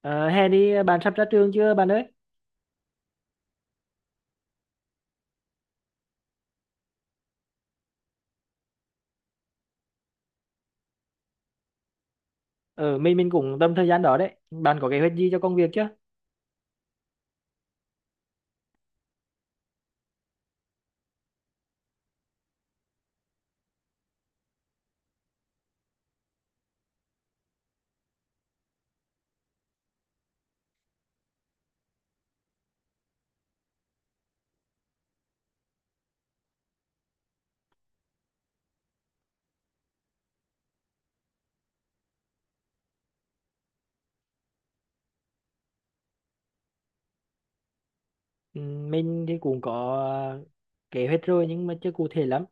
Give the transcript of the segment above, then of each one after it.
Ờ, Hè đi bạn sắp ra trường chưa bạn ơi? Mình cũng tầm thời gian đó đấy. Bạn có kế hoạch gì cho công việc chưa? Ừ, mình thì cũng có ờ, kế hoạch rồi, nhưng mà chưa cụ thể lắm.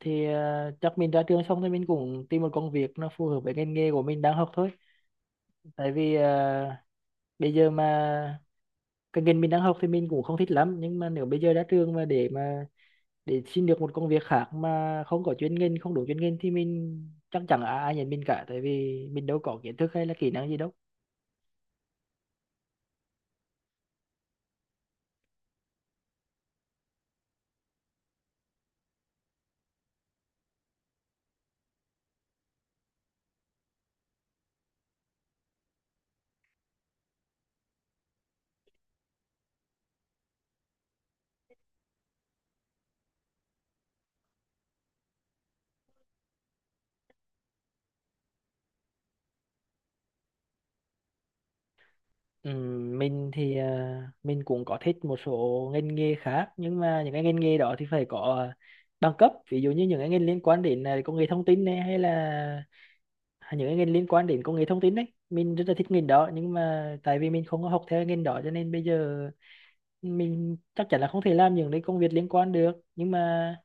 Thì chắc mình ra trường xong thì mình cũng tìm một công việc nó phù hợp với ngành nghề của mình đang học thôi. Tại vì bây giờ mà cái ngành mình đang học thì mình cũng không thích lắm, nhưng mà nếu bây giờ ra trường mà để xin được một công việc khác mà không có chuyên ngành, không đủ chuyên ngành thì mình chắc chẳng ai ai nhận mình cả, tại vì mình đâu có kiến thức hay là kỹ năng gì đâu. Mình thì mình cũng có thích một số ngành nghề khác, nhưng mà những cái ngành nghề đó thì phải có bằng cấp, ví dụ như những cái ngành liên quan đến công nghệ thông tin này, hay là những cái ngành liên quan đến công nghệ thông tin đấy mình rất là thích ngành đó, nhưng mà tại vì mình không có học theo ngành đó cho nên bây giờ mình chắc chắn là không thể làm những cái công việc liên quan được. Nhưng mà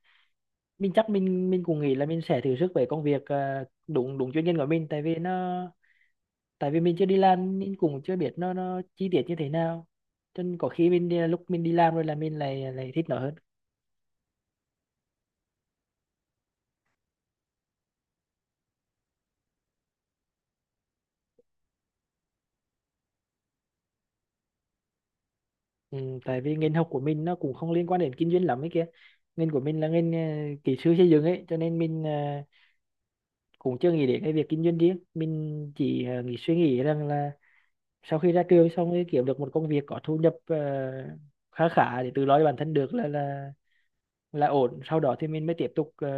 mình chắc mình cũng nghĩ là mình sẽ thử sức với công việc à, đúng đúng chuyên ngành của mình, tại vì mình chưa đi làm nên cũng chưa biết nó chi tiết như thế nào, cho nên có khi mình đi, lúc mình đi làm rồi là mình lại lại thích nó hơn. Ừ, tại vì ngành học của mình nó cũng không liên quan đến kinh doanh lắm ấy kia. Ngành của mình là ngành kỹ sư xây dựng ấy, cho nên mình cũng chưa nghĩ đến cái việc kinh doanh riêng. Mình chỉ ờ, nghĩ suy nghĩ rằng là sau khi ra trường xong rồi kiếm được một công việc có thu nhập khá khá để tự lo cho bản thân được là ổn, sau đó thì mình mới tiếp tục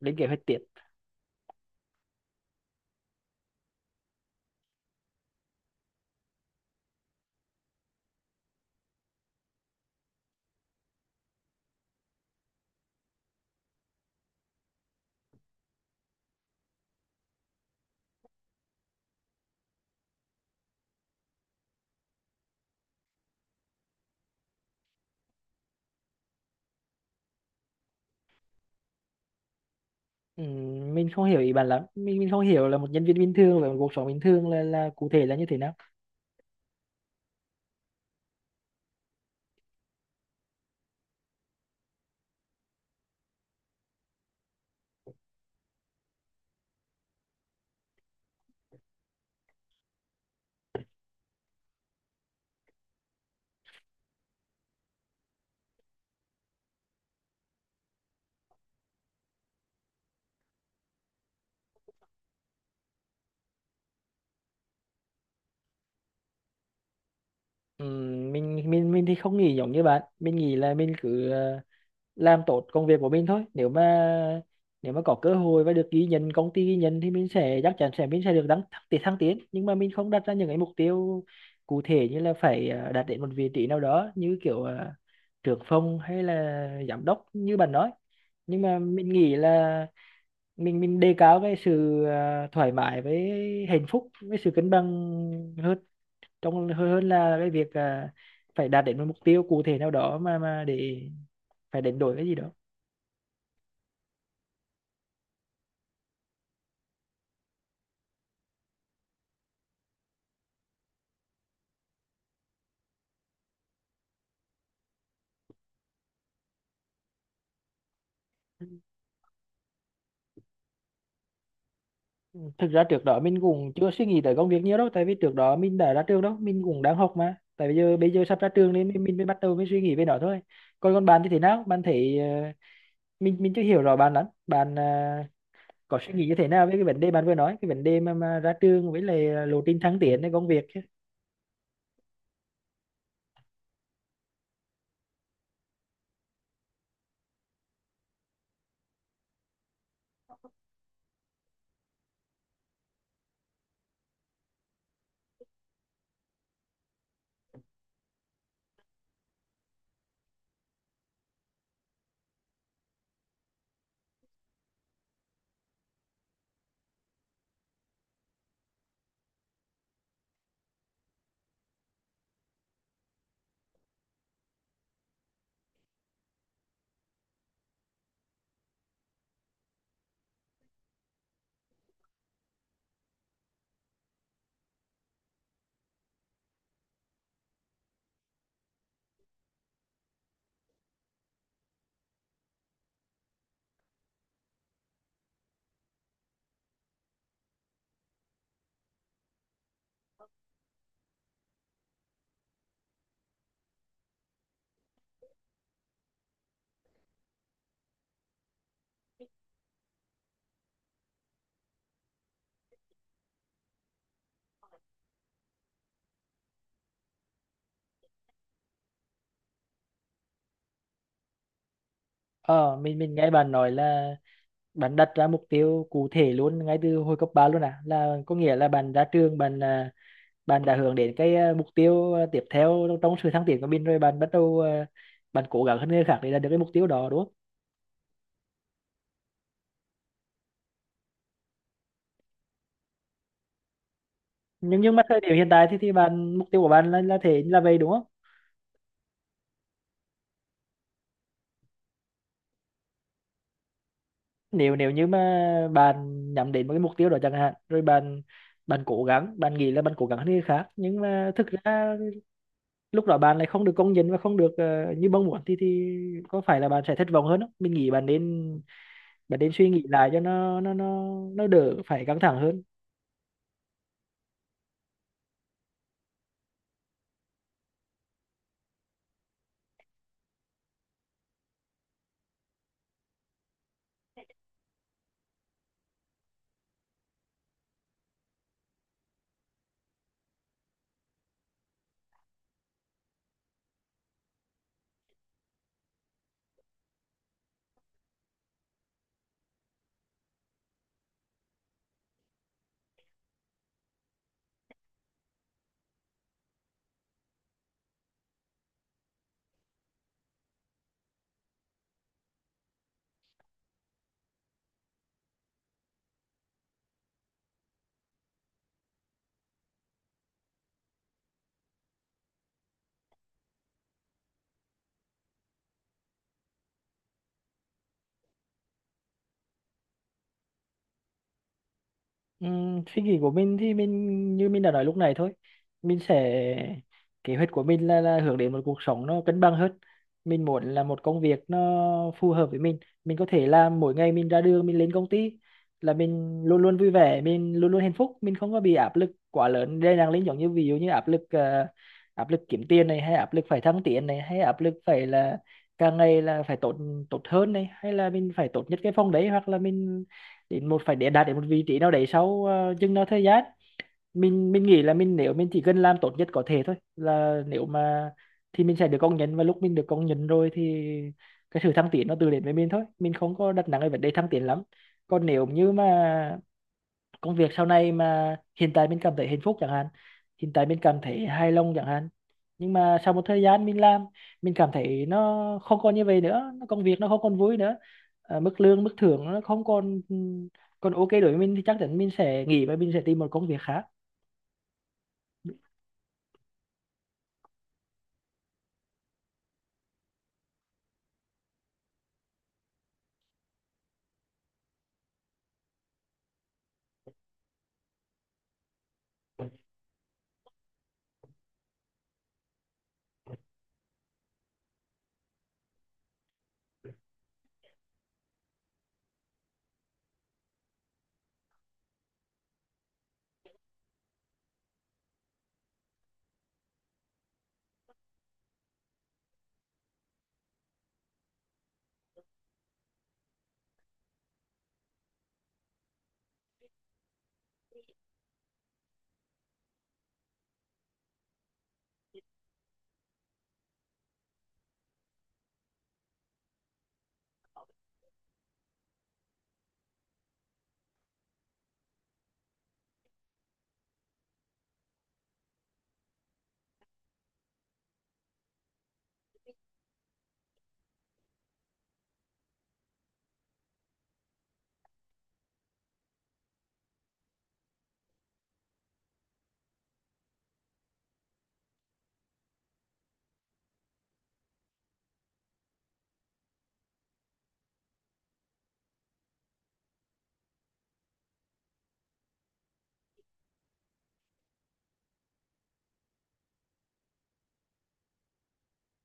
lên kế hoạch tiếp. Ừ, mình không hiểu ý bạn lắm, mình không hiểu là một nhân viên bình thường và một cuộc sống bình thường là cụ thể là như thế nào. Ừ, mình thì không nghĩ giống như bạn. Mình nghĩ là mình cứ làm tốt công việc của mình thôi, nếu mà có cơ hội và được ghi nhận, công ty ghi nhận, thì mình sẽ, chắc chắn sẽ, mình sẽ được đăng thăng tiến nhưng mà mình không đặt ra những cái mục tiêu cụ thể, như là phải đạt đến một vị trí nào đó, như kiểu trưởng phòng hay là giám đốc như bạn nói. Nhưng mà mình nghĩ là mình đề cao cái sự thoải mái với hạnh phúc với sự cân bằng hơn, trong hơn hơn là cái việc phải đạt đến một mục tiêu cụ thể nào đó, mà để phải đánh đổi cái gì đó. Thực ra trước đó mình cũng chưa suy nghĩ tới công việc nhiều đâu, tại vì trước đó mình đã ra trường đâu, mình cũng đang học mà. Tại bây giờ sắp ra trường nên mình mới bắt đầu mới suy nghĩ về nó thôi. Còn còn bạn thì thế nào? Bạn thấy, mình chưa hiểu rõ bạn lắm. Bạn có suy nghĩ như thế nào về cái vấn đề bạn vừa nói, cái vấn đề mà ra trường với lại lộ trình thăng tiếnในcông việc? Mình nghe bạn nói là bạn đặt ra mục tiêu cụ thể luôn ngay từ hồi cấp 3 luôn à? Là có nghĩa là bạn ra trường, bạn đã hướng đến cái, mục tiêu, tiếp theo trong trong sự thăng tiến của mình, rồi bạn bắt đầu, à, bạn cố gắng hơn người khác để đạt được cái mục tiêu đó đúng không? Nhưng mà thời điểm hiện tại thì bạn, mục tiêu của bạn là thế là vậy đúng không? Nếu nếu như mà bạn nhắm đến một cái mục tiêu đó chẳng hạn, rồi bạn, cố gắng, bạn nghĩ là bạn cố gắng hơn người khác, nhưng mà thực ra lúc đó bạn lại không được công nhận và không được như mong muốn, thì có phải là bạn sẽ thất vọng hơn không? Mình nghĩ bạn nên, suy nghĩ lại cho nó đỡ phải căng thẳng hơn. Suy nghĩ của mình thì mình như mình đã nói lúc này thôi, mình sẽ, kế hoạch của mình là hướng đến một cuộc sống nó cân bằng hơn. Mình muốn là một công việc nó phù hợp với mình có thể làm. Mỗi ngày mình ra đường, mình lên công ty là mình luôn luôn vui vẻ, mình luôn luôn hạnh phúc, mình không có bị áp lực quá lớn đây đang lên, giống như ví dụ như áp lực, áp lực kiếm tiền này, hay áp lực phải thăng tiến này, hay áp lực phải là càng ngày là phải tốt, tốt hơn này, hay là mình phải tốt nhất cái phòng đấy, hoặc là mình đến một phải để đạt đến một vị trí nào đấy sau chừng nào thời gian. Mình nghĩ là mình, nếu mình chỉ cần làm tốt nhất có thể thôi là, nếu mà thì mình sẽ được công nhận, và lúc mình được công nhận rồi thì cái sự thăng tiến nó tự đến với mình thôi, mình không có đặt nặng cái vấn đề thăng tiến lắm. Còn nếu như mà công việc sau này mà hiện tại mình cảm thấy hạnh phúc chẳng hạn, hiện tại mình cảm thấy hài lòng chẳng hạn, nhưng mà sau một thời gian mình làm mình cảm thấy nó không còn như vậy nữa, nó, công việc nó không còn vui nữa, mức lương mức thưởng nó không còn còn ok đối với mình, thì chắc chắn mình sẽ nghỉ và mình sẽ tìm một công việc khác.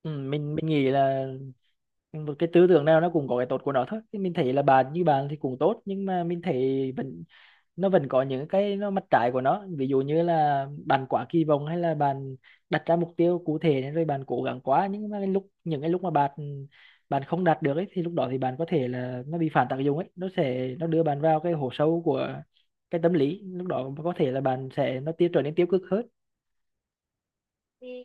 Ừ, mình nghĩ là một cái tư tưởng nào nó cũng có cái tốt của nó thôi. Thì mình thấy là bạn như bạn thì cũng tốt, nhưng mà mình thấy vẫn, nó vẫn có những cái, nó mặt trái của nó, ví dụ như là bạn quá kỳ vọng hay là bạn đặt ra mục tiêu cụ thể nên rồi bạn cố gắng quá, nhưng mà cái lúc, mà bạn bạn không đạt được ấy thì lúc đó thì bạn có thể là nó bị phản tác dụng ấy, nó sẽ, đưa bạn vào cái hố sâu của cái tâm lý, lúc đó có thể là bạn sẽ, nó tiêu trở nên tiêu cực hơn. Ừ.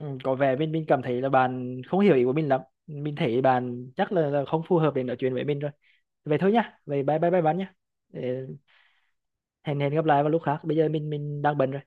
Ừ, có vẻ mình cảm thấy là bạn không hiểu ý của mình lắm. Mình thấy bạn chắc là không phù hợp để nói chuyện với mình rồi. Vậy thôi nhá, vậy bye bye bye bạn nhá. Để hẹn hẹn gặp lại vào lúc khác, bây giờ mình đang bận rồi.